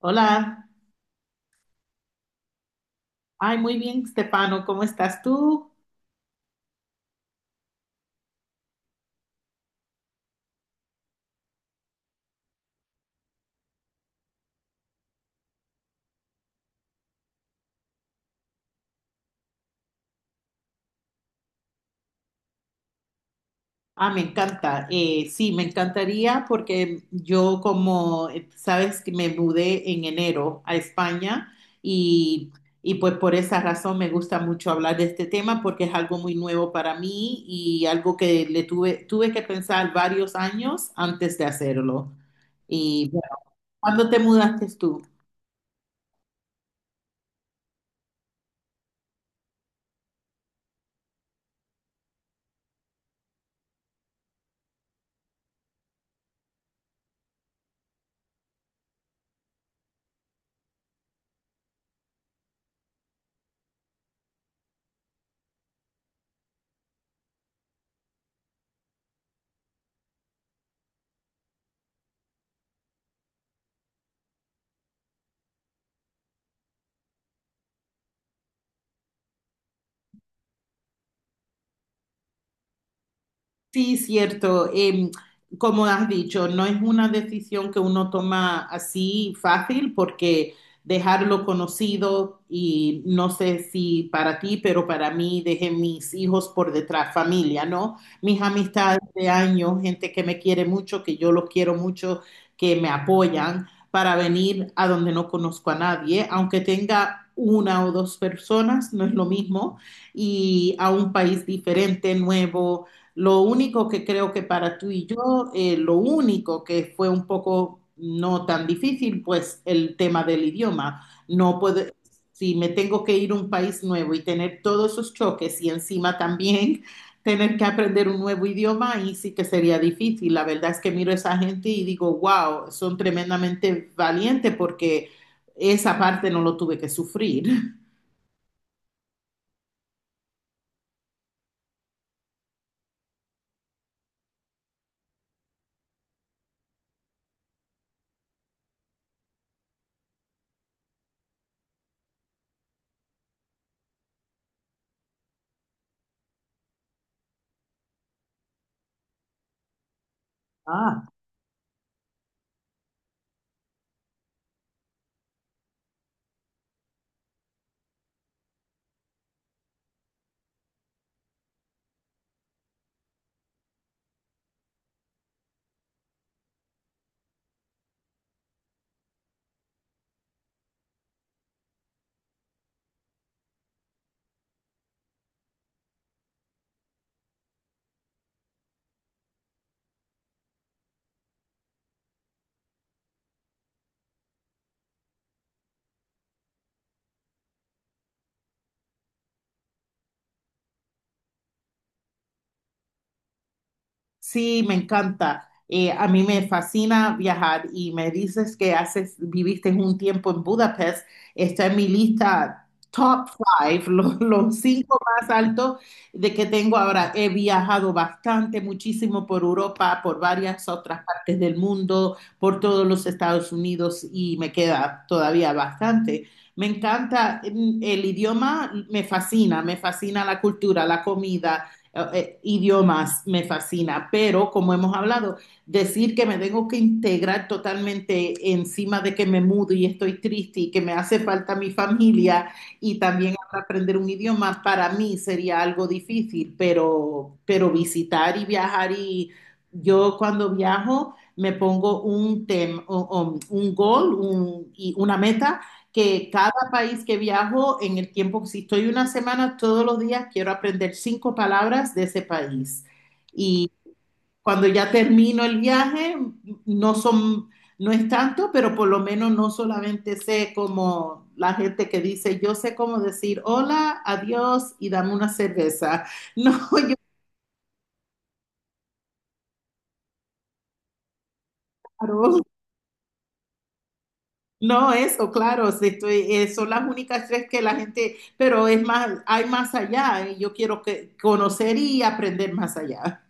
Hola, ay, muy bien, Stefano, ¿cómo estás tú? Ah, me encanta. Sí, me encantaría porque yo como, sabes que me mudé en enero a España y, y pues por esa razón me gusta mucho hablar de este tema porque es algo muy nuevo para mí y algo que le tuve que pensar varios años antes de hacerlo. Y bueno, ¿cuándo te mudaste tú? Sí, cierto. Como has dicho, no es una decisión que uno toma así fácil porque dejarlo conocido y no sé si para ti, pero para mí dejé mis hijos por detrás, familia, ¿no? Mis amistades de años, gente que me quiere mucho, que yo los quiero mucho, que me apoyan para venir a donde no conozco a nadie, aunque tenga una o dos personas, no es lo mismo, y a un país diferente, nuevo. Lo único que creo que para tú y yo, lo único que fue un poco no tan difícil, pues el tema del idioma. No puedo, si me tengo que ir a un país nuevo y tener todos esos choques y encima también tener que aprender un nuevo idioma, ahí sí que sería difícil. La verdad es que miro a esa gente y digo, wow, son tremendamente valientes porque esa parte no lo tuve que sufrir. Ah, sí, me encanta. A mí me fascina viajar y me dices que haces, viviste un tiempo en Budapest. Está en mi lista top five, los cinco más altos de que tengo ahora. He viajado bastante, muchísimo por Europa, por varias otras partes del mundo, por todos los Estados Unidos y me queda todavía bastante. Me encanta, mm, el idioma me fascina la cultura, la comida. Idiomas me fascina, pero como hemos hablado, decir que me tengo que integrar totalmente encima de que me mudo y estoy triste y que me hace falta mi familia y también aprender un idioma, para mí sería algo difícil, pero visitar y viajar y yo cuando viajo me pongo un tem, o un goal, y una meta que cada país que viajo, en el tiempo, si estoy una semana, todos los días quiero aprender cinco palabras de ese país. Y cuando ya termino el viaje, no son, no es tanto, pero por lo menos no solamente sé como la gente que dice, yo sé cómo decir hola, adiós y dame una cerveza. No, claro, no eso, claro, si estoy, son las únicas tres que la gente, pero es más, hay más allá, y yo quiero que, conocer y aprender más allá.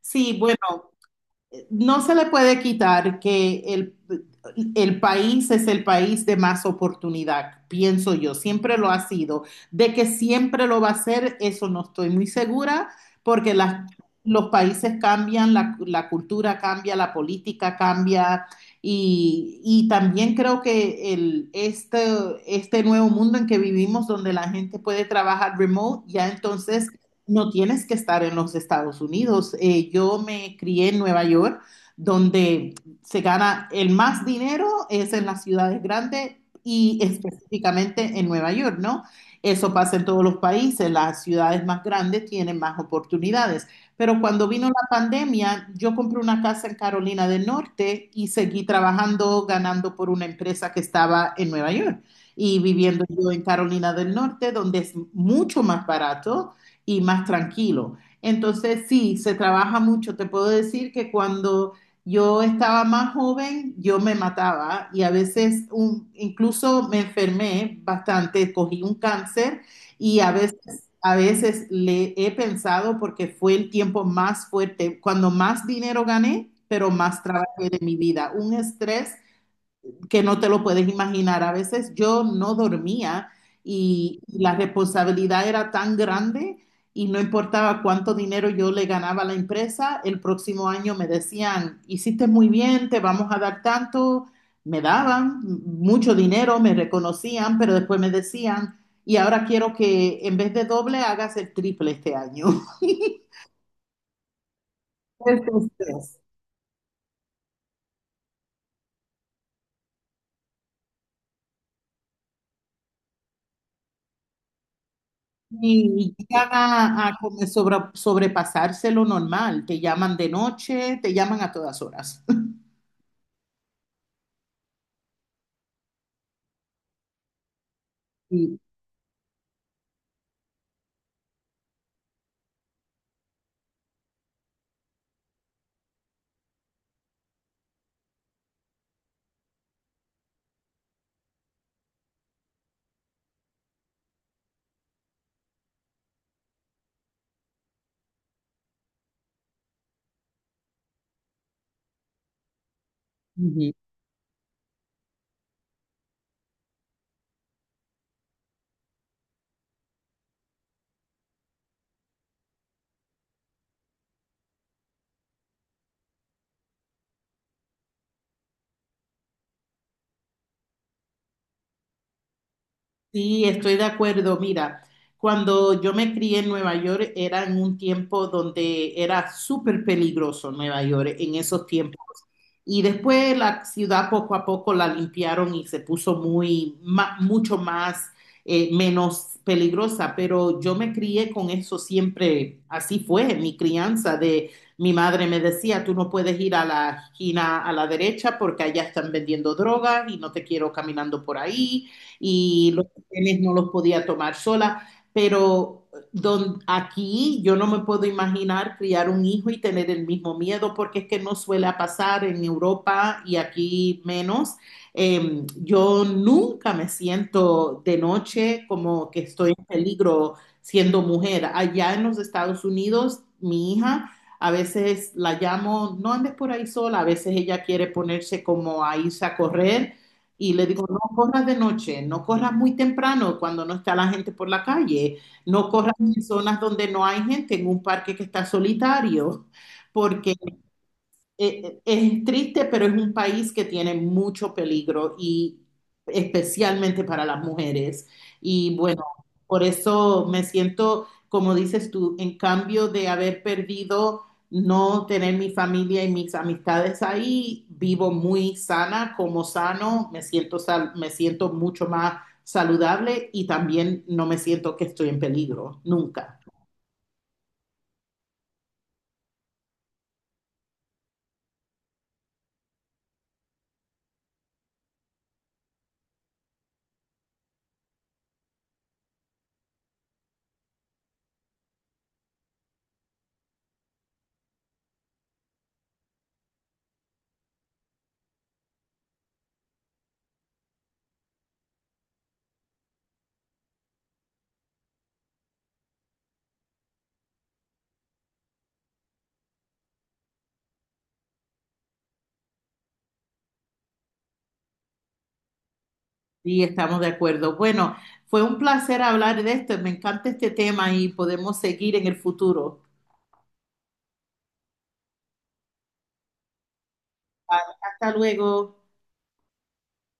Sí, bueno, no se le puede quitar que el país es el país de más oportunidad, pienso yo, siempre lo ha sido. De que siempre lo va a ser, eso no estoy muy segura, porque los países cambian, la cultura cambia, la política cambia, y también creo que este nuevo mundo en que vivimos, donde la gente puede trabajar remote, ya entonces no tienes que estar en los Estados Unidos. Yo me crié en Nueva York, donde se gana el más dinero es en las ciudades grandes y específicamente en Nueva York, ¿no? Eso pasa en todos los países, las ciudades más grandes tienen más oportunidades. Pero cuando vino la pandemia, yo compré una casa en Carolina del Norte y seguí trabajando, ganando por una empresa que estaba en Nueva York y viviendo yo en Carolina del Norte, donde es mucho más barato y más tranquilo. Entonces, sí, se trabaja mucho. Te puedo decir que cuando yo estaba más joven, yo me mataba y a veces incluso me enfermé bastante, cogí un cáncer y a veces le he pensado porque fue el tiempo más fuerte, cuando más dinero gané, pero más trabajé de mi vida. Un estrés que no te lo puedes imaginar. A veces yo no dormía y la responsabilidad era tan grande y no importaba cuánto dinero yo le ganaba a la empresa, el próximo año me decían, hiciste muy bien, te vamos a dar tanto, me daban mucho dinero, me reconocían, pero después me decían, y ahora quiero que en vez de doble hagas el triple este año. Ese estrés. Y llegan a como sobrepasarse lo normal. Te llaman de noche, te llaman a todas horas. Sí, ujú. Sí, estoy de acuerdo. Mira, cuando yo me crié en Nueva York era en un tiempo donde era súper peligroso Nueva York en esos tiempos. Y después la ciudad poco a poco la limpiaron y se puso mucho más, menos peligrosa. Pero yo me crié con eso siempre, así fue mi crianza de mi madre me decía, tú no puedes ir a la esquina a la derecha porque allá están vendiendo drogas y no te quiero caminando por ahí. Y lo papeles no los podía tomar sola, pero aquí yo no me puedo imaginar criar un hijo y tener el mismo miedo, porque es que no suele pasar en Europa y aquí menos. Yo nunca me siento de noche como que estoy en peligro siendo mujer. Allá en los Estados Unidos, mi hija... A veces la llamo, no andes por ahí sola, a veces ella quiere ponerse como a irse a correr y le digo, "No, no corras de noche, no corras muy temprano cuando no está la gente por la calle, no corras en zonas donde no hay gente, en un parque que está solitario, porque es triste, pero es un país que tiene mucho peligro y especialmente para las mujeres. Y bueno, por eso me siento, como dices tú, en cambio de haber perdido no tener mi familia y mis amistades ahí, vivo muy sana, como sano, me siento mucho más saludable y también no me siento que estoy en peligro, nunca. Sí, estamos de acuerdo. Bueno, fue un placer hablar de esto. Me encanta este tema y podemos seguir en el futuro. Hasta luego.